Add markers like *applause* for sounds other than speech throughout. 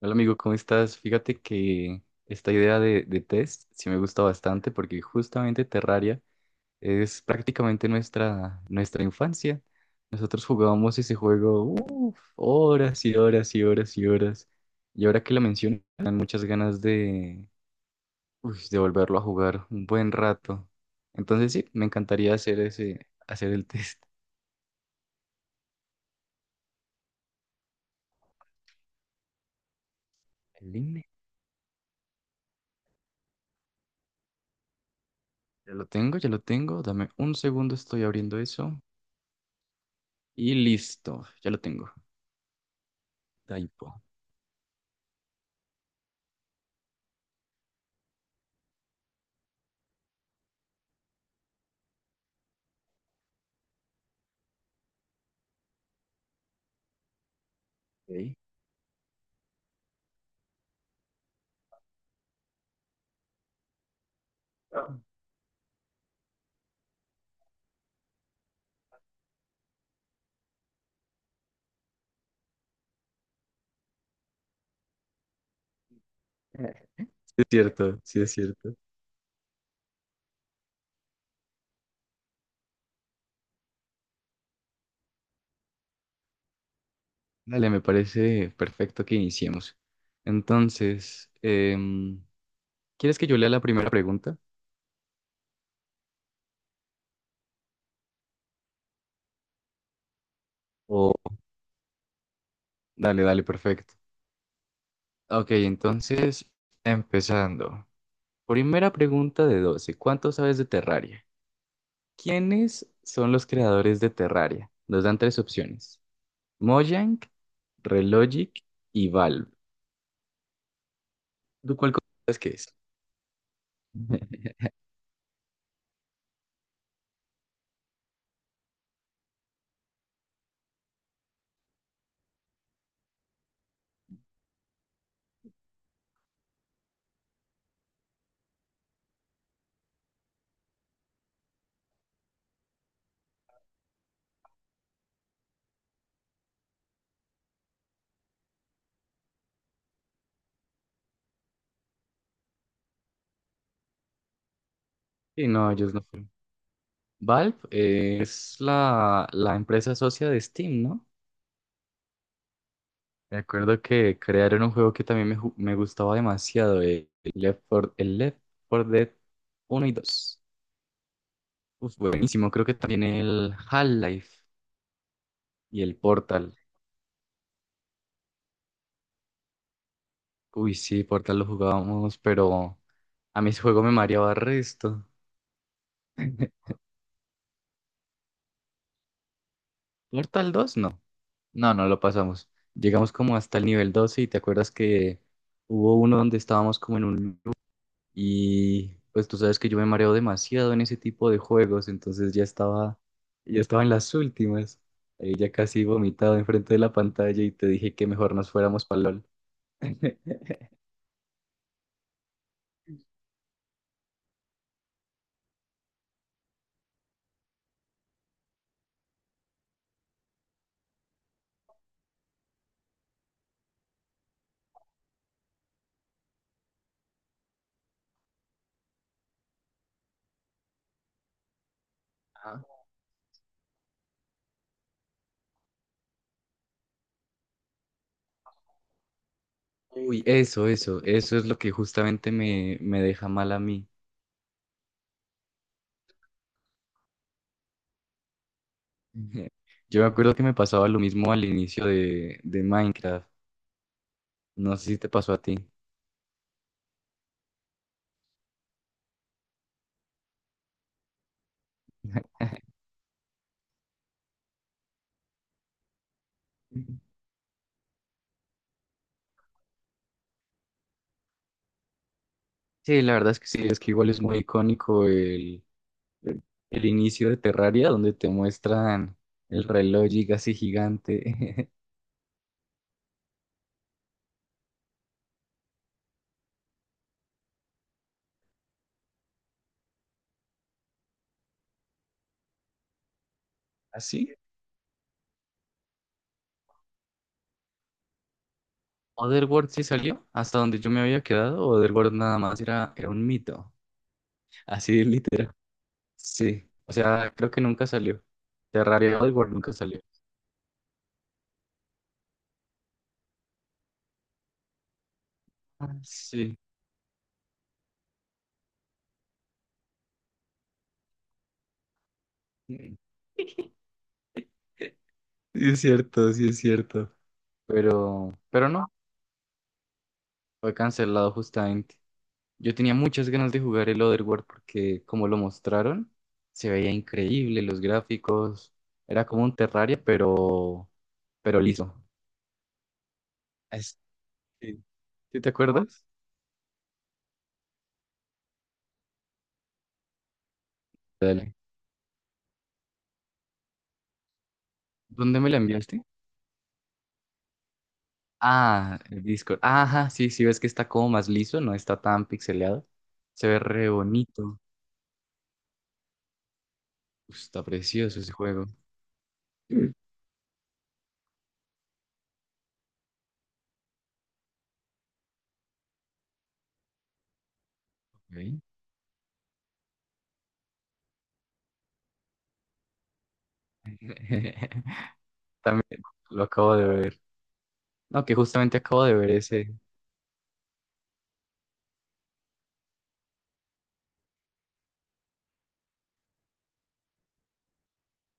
Hola amigo, ¿cómo estás? Fíjate que esta idea de test sí me gusta bastante porque justamente Terraria es prácticamente nuestra infancia. Nosotros jugábamos ese juego uf, horas y horas y horas y horas. Y ahora que lo mencionan, muchas ganas de, uy, de volverlo a jugar un buen rato. Entonces sí, me encantaría hacer el test. El INE. Ya lo tengo, ya lo tengo. Dame un segundo, estoy abriendo eso. Y listo, ya lo tengo. Daipo. Ok. Ah. Sí es cierto, sí es cierto. Dale, me parece perfecto que iniciemos. Entonces, ¿quieres que yo lea la primera pregunta? O dale, dale, perfecto. Ok, entonces, empezando. Primera pregunta de 12. ¿Cuánto sabes de Terraria? ¿Quiénes son los creadores de Terraria? Nos dan tres opciones. Mojang, Relogic y Valve. ¿Tú cuál crees que es? *laughs* Sí, no, ellos no. Valve es la empresa socia de Steam, ¿no? Me acuerdo que crearon un juego que también me gustaba demasiado, el Left 4 Dead uno y dos. Uf, buenísimo, creo que también el Half-Life y el Portal. Uy, sí, Portal lo jugábamos, pero a mí ese juego me mareaba resto. *laughs* Portal dos no. No, no lo pasamos. Llegamos como hasta el nivel 12 y te acuerdas que hubo uno donde estábamos como en un. Y pues tú sabes que yo me mareo demasiado en ese tipo de juegos, entonces ya estaba, en las últimas. Ahí ya casi vomitado enfrente de la pantalla y te dije que mejor nos fuéramos para LOL. *laughs* Ah. Uy, eso es lo que justamente me deja mal a mí. Ujú. *laughs* Yo me acuerdo que me pasaba lo mismo al inicio de Minecraft. No sé si te pasó a ti. Ujú. Sí, la verdad es que sí, es que igual es muy icónico el inicio de Terraria, donde te muestran el reloj así gigante. *laughs* ¿Así? ¿Otherworld sí salió? ¿Hasta donde yo me había quedado? ¿O Otherworld nada más era, un mito? Así de literal. Sí. O sea, creo que nunca salió. Terraria Otherworld nunca salió. Ah, sí. Mm. Sí, es cierto, sí es cierto. Pero no, fue cancelado justamente. Yo tenía muchas ganas de jugar el Otherworld porque, como lo mostraron, se veía increíble, los gráficos. Era como un Terraria, pero liso. Es- sí. ¿Sí te acuerdas? Dale. ¿Dónde me la enviaste? Ah, el Discord. Ajá, sí, sí, ves que está como más liso, no está tan pixeleado. Se ve re bonito. Uf, está precioso ese juego. Mm. Ok. *laughs* También lo acabo de ver. No, que justamente acabo de ver ese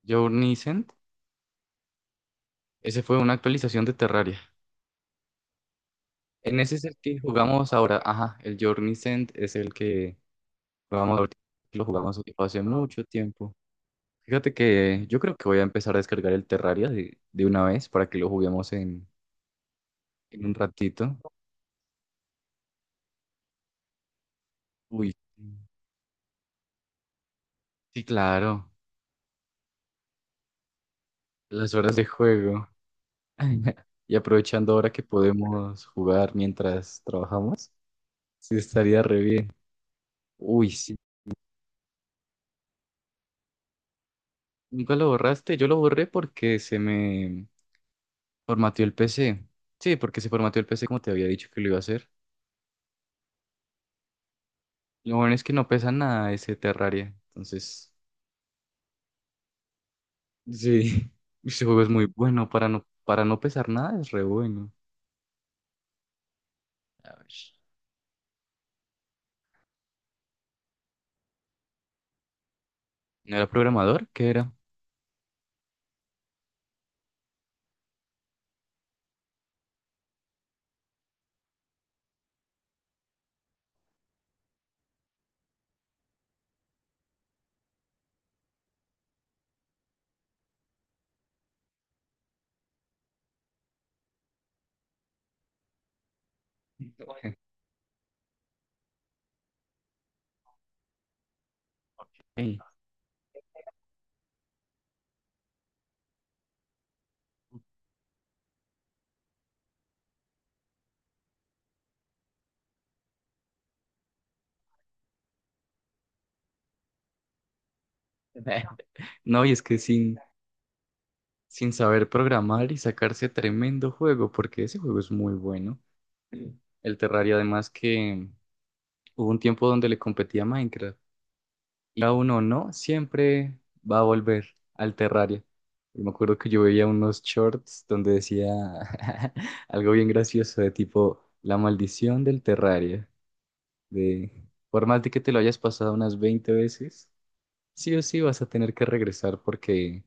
Journey. Ese fue una actualización de Terraria. En ese es el que jugamos ahora. Ajá, el Journey Send es el que jugamos ahorita. Lo jugamos hace mucho tiempo. Fíjate que yo creo que voy a empezar a descargar el Terraria de una vez para que lo juguemos en, un ratito. Uy, sí, claro. Las horas de juego. *laughs* Y aprovechando ahora que podemos jugar mientras trabajamos, sí estaría re bien. Uy, sí. ¿Nunca lo borraste? Yo lo borré porque se me formateó el PC. Sí, porque se formateó el PC como te había dicho que lo iba a hacer. Lo bueno es que no pesa nada ese Terraria. Entonces, sí, *laughs* ese juego es muy bueno. Para no pesar nada es re bueno. A ver. ¿No era programador? ¿Qué era? *laughs* Ey. No, y es que sin, saber programar y sacarse tremendo juego, porque ese juego es muy bueno. El Terraria, además que hubo un tiempo donde le competía a Minecraft, y a uno no, siempre va a volver al Terraria. Y me acuerdo que yo veía unos shorts donde decía *laughs* algo bien gracioso de tipo la maldición del Terraria, de por más de que te lo hayas pasado unas 20 veces, sí o sí vas a tener que regresar porque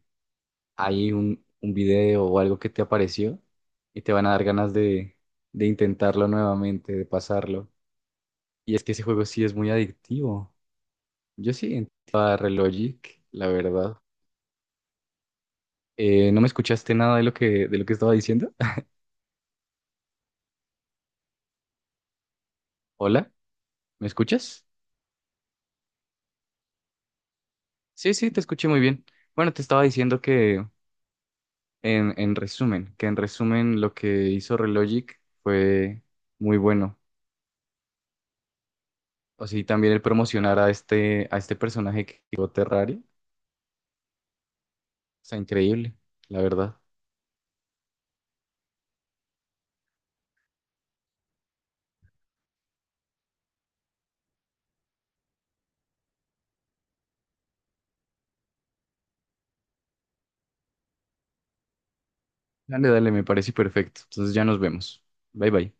hay un, video o algo que te apareció y te van a dar ganas de intentarlo nuevamente, de pasarlo. Y es que ese juego sí es muy adictivo. Yo sí, entré a Relogic, la verdad. ¿No me escuchaste nada de lo que, estaba diciendo? *laughs* Hola, ¿me escuchas? Sí, sí, te escuché muy bien. Bueno, te estaba diciendo que en resumen, que en resumen lo que hizo Relogic fue muy bueno. O sí, también el promocionar a a este personaje que creó Terraria. Está increíble, la verdad. Dale, dale, me parece perfecto. Entonces ya nos vemos. Bye, bye.